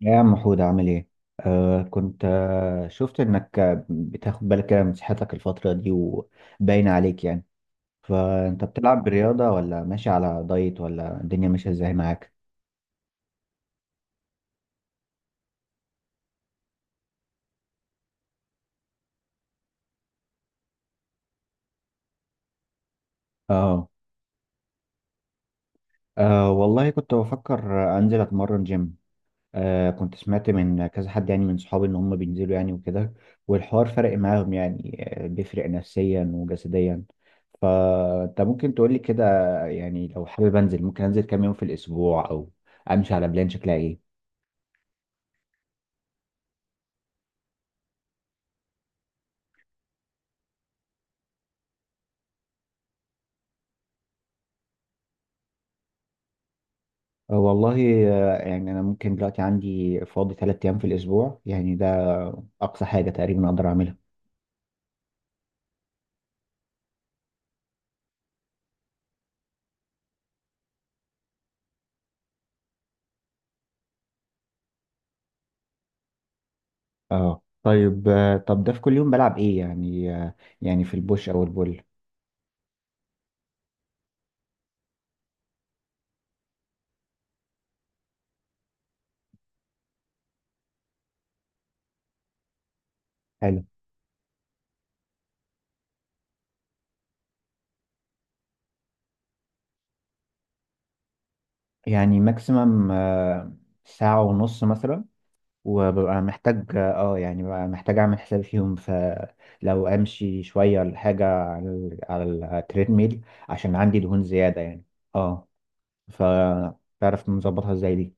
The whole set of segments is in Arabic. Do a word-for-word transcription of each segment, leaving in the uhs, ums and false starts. يا عم حود، عامل ايه؟ آه كنت آه شفت انك آه، بتاخد بالك كده من صحتك الفترة دي وباين عليك يعني. فانت بتلعب بالرياضة ولا ماشي على دايت ولا الدنيا ماشية ازاي معاك؟ اه. آه والله كنت بفكر آه، انزل اتمرن جيم. آه كنت سمعت من كذا حد، يعني من صحابي، ان هم بينزلوا يعني وكده، والحوار فرق معاهم يعني. آه، بيفرق نفسيا وجسديا. فانت ممكن تقولي كده، يعني لو حابب انزل ممكن انزل كام يوم في الاسبوع او امشي على بلان شكلها ايه. آه، والله، آه، يعني انا ممكن دلوقتي عندي فاضي ثلاث ايام في الاسبوع، يعني ده اقصى حاجة تقريبا اقدر اعملها. اه طيب، آه، طب ده في كل يوم بلعب ايه يعني آه، يعني في البوش او البول؟ حلو. يعني ماكسيمم ساعة ونص مثلا، وببقى محتاج اه، يعني ببقى محتاج اعمل حساب فيهم، فلو امشي شويه ولا حاجه على ال- على التريد ميل عشان عندي دهون زياده يعني. اه، فتعرف نظبطها ازاي دي؟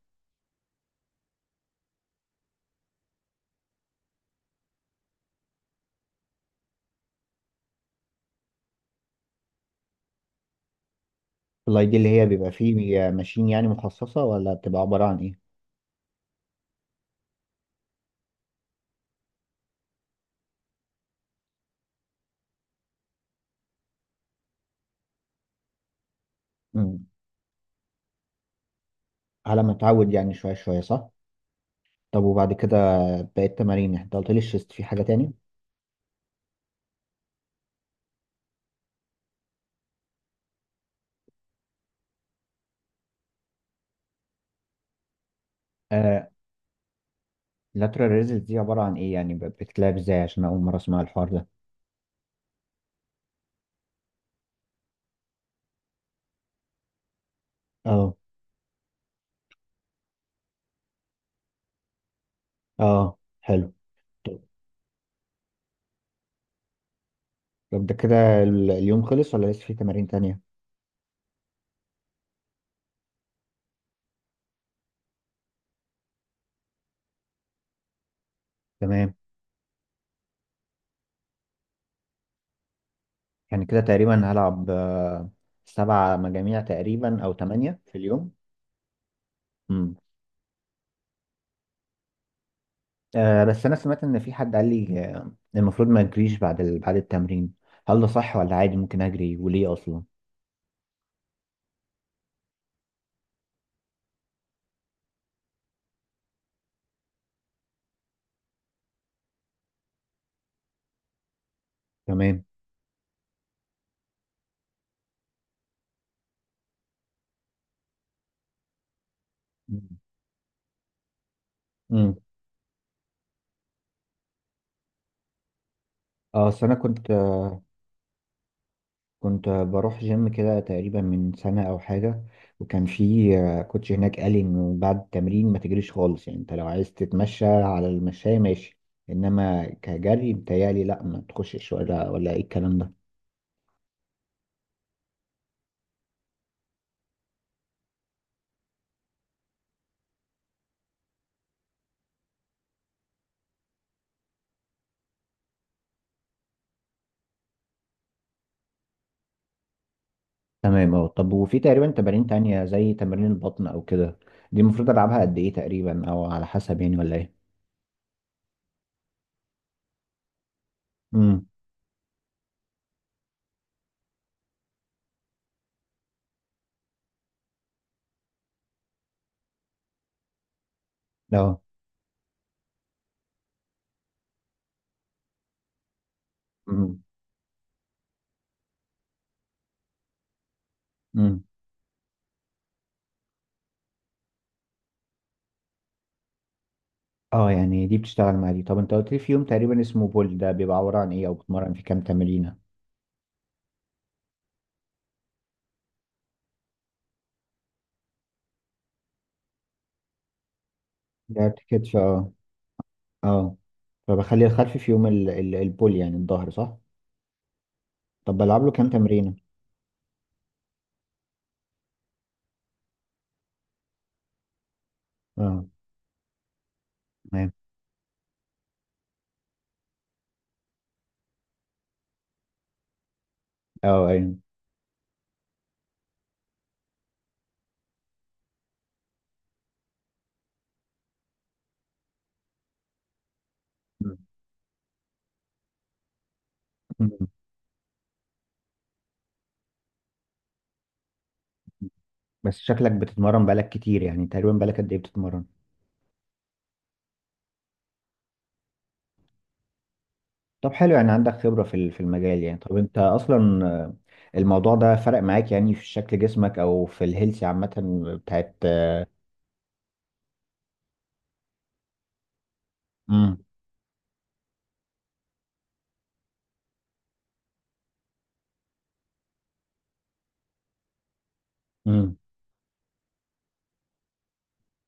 الاي دي اللي هي بيبقى فيه ماشين يعني مخصصه، ولا بتبقى عباره عن ايه؟ امم، على ما اتعود يعني، شويه شويه، صح؟ طب وبعد كده باقي التمارين انت قلت لي الشيست، في حاجه تاني؟ آه lateral raises دي عباره عن ايه يعني، ب- بتتلعب ازاي؟ عشان اول مره اسمع الحوار ده. اه. اه حلو. طب ده كده ال- اليوم خلص ولا لسه في تمارين تانية؟ تمام، يعني كده تقريبا هلعب آه، سبعة مجاميع تقريبا أو تمانية في اليوم. مم. آه بس أنا سمعت إن في حد قال لي آه، المفروض ما أجريش بعد ال... بعد التمرين. هل ده صح ولا عادي ممكن أجري، وليه أصلا؟ تمام. مم. مم. اه أصل أنا كنت، كنت بروح جيم كده تقريبا من سنة أو حاجة، وكان في كوتش هناك قال لي إنه بعد التمرين ما تجريش خالص، يعني أنت لو عايز تتمشى على المشاية ماشي، إنما كجري بتهيألي لأ ما تخشش، ولا ولا إيه الكلام ده؟ تمام أه. طب وفي تقريبا تمارين تانية زي تمارين البطن أو كده، دي المفروض ألعبها قد إيه تقريبا أو على حسب يعني، ولا إيه؟ امم. أه. امم. امم. أه يعني دي بتشتغل مع دي. طب أنت قلت لي في يوم تقريبا اسمه بول، ده بيبقى عبارة عن إيه أو بتمرن في كام تمرينة؟ لعبت كتف أه. اه. فبخلي الخلفي في يوم ال... ال... البول يعني الظهر، صح؟ طب بلعب له كام تمرينه؟ اه. تمام. اه ايوه. م- م- م. بس شكلك بتتمرن بقالك كتير، يعني تقريبا بقالك قد ايه بتتمرن؟ طب حلو، يعني عندك خبرة في ال- في المجال يعني. طب انت اصلا آه، الموضوع ده فرق معاك يعني في شكل جسمك او في الهيلث عامة بتاعت. امم.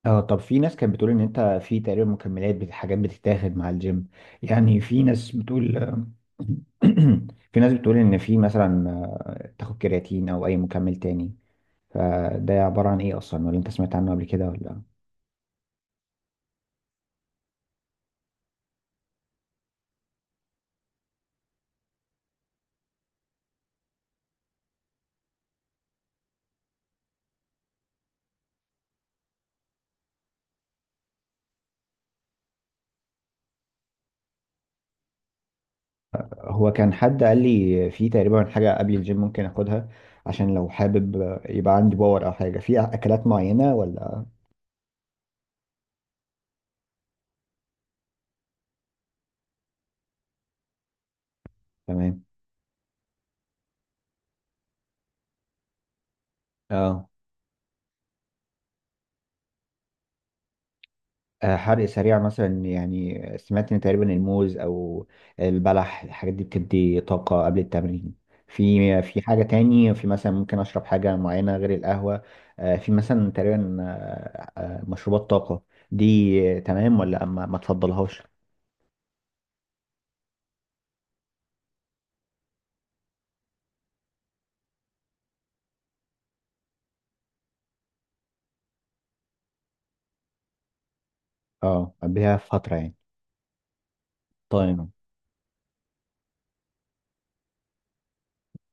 اه طب في ناس كانت بتقول ان انت في تقريبا مكملات بت- حاجات بتتاخد مع الجيم، يعني في ناس بتقول، في ناس بتقول ان في مثلا آه، تاخد كرياتين او اي مكمل تاني. فده عبارة عن ايه اصلا، ولا انت سمعت عنه قبل كده ولا؟ هو كان حد قال لي في تقريبا حاجة قبل الجيم ممكن اخدها، عشان لو حابب آه، يبقى عندي باور، او حاجة في اكلات معينة ولا؟ تمام. اه آه، حرق سريع مثلا، يعني سمعت ان تقريبا الموز او البلح الحاجات دي بتدي طاقة قبل التمرين. في في حاجة تاني، في مثلا ممكن اشرب حاجة معينة غير القهوة؟ آه، في مثلا تقريبا آه، آه، مشروبات طاقة، دي آه، تمام ولا ما ما تفضلهاش؟ اه قبلها فترة يعني. طيب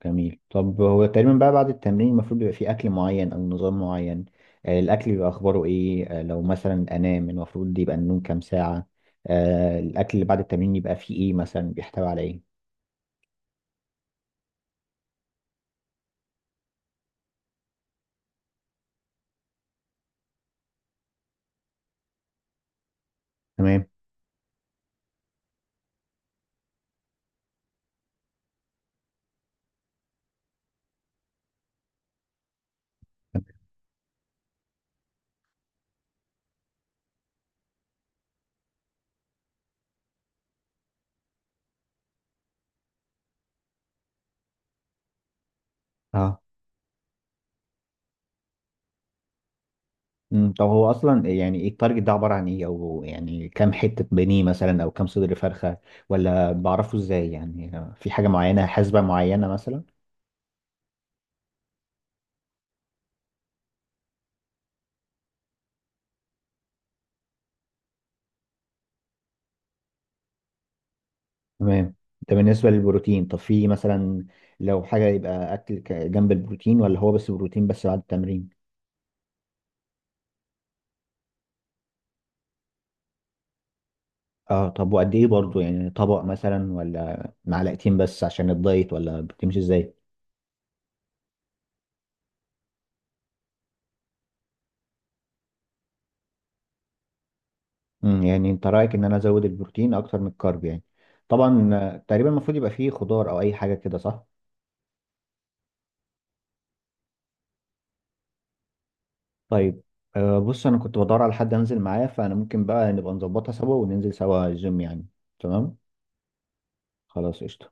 جميل. طب هو تقريبا بقى بعد التمرين المفروض بيبقى فيه أكل معين أو نظام معين؟ آه، الأكل بيبقى أخباره إيه؟ آه، لو مثلا أنام المفروض يبقى النوم كام ساعة؟ آه، الأكل اللي بعد التمرين يبقى فيه إيه مثلا، بيحتوي على إيه؟ تمام أه. أمم، طب هو أصلا يعني إيه التارجت ده، عبارة عن إيه، أو يعني كام حتة بانيه مثلا أو كام صدر فرخة، ولا بعرفه إزاي يعني؟ آه، في حاجة معينة، حسبة معينة مثلا؟ تمام. ده بالنسبة للبروتين. طب في مثلا لو حاجة يبقى أكل ك- جنب البروتين، ولا هو بس بروتين بس بعد التمرين؟ اه طب وقد إيه برضو، يعني طبق مثلا ولا معلقتين بس عشان الدايت، ولا بتمشي إزاي؟ امم، يعني أنت رأيك إن أنا أزود البروتين أكتر من الكارب يعني. طبعا آه، تقريبا المفروض يبقى فيه خضار أو أي حاجة كده، صح؟ طيب. آه بص أنا كنت بدور على حد أنزل معاه، فأنا ممكن بقى نبقى نظبطها سوا وننزل سوا الجيم يعني. تمام؟ خلاص قشطة.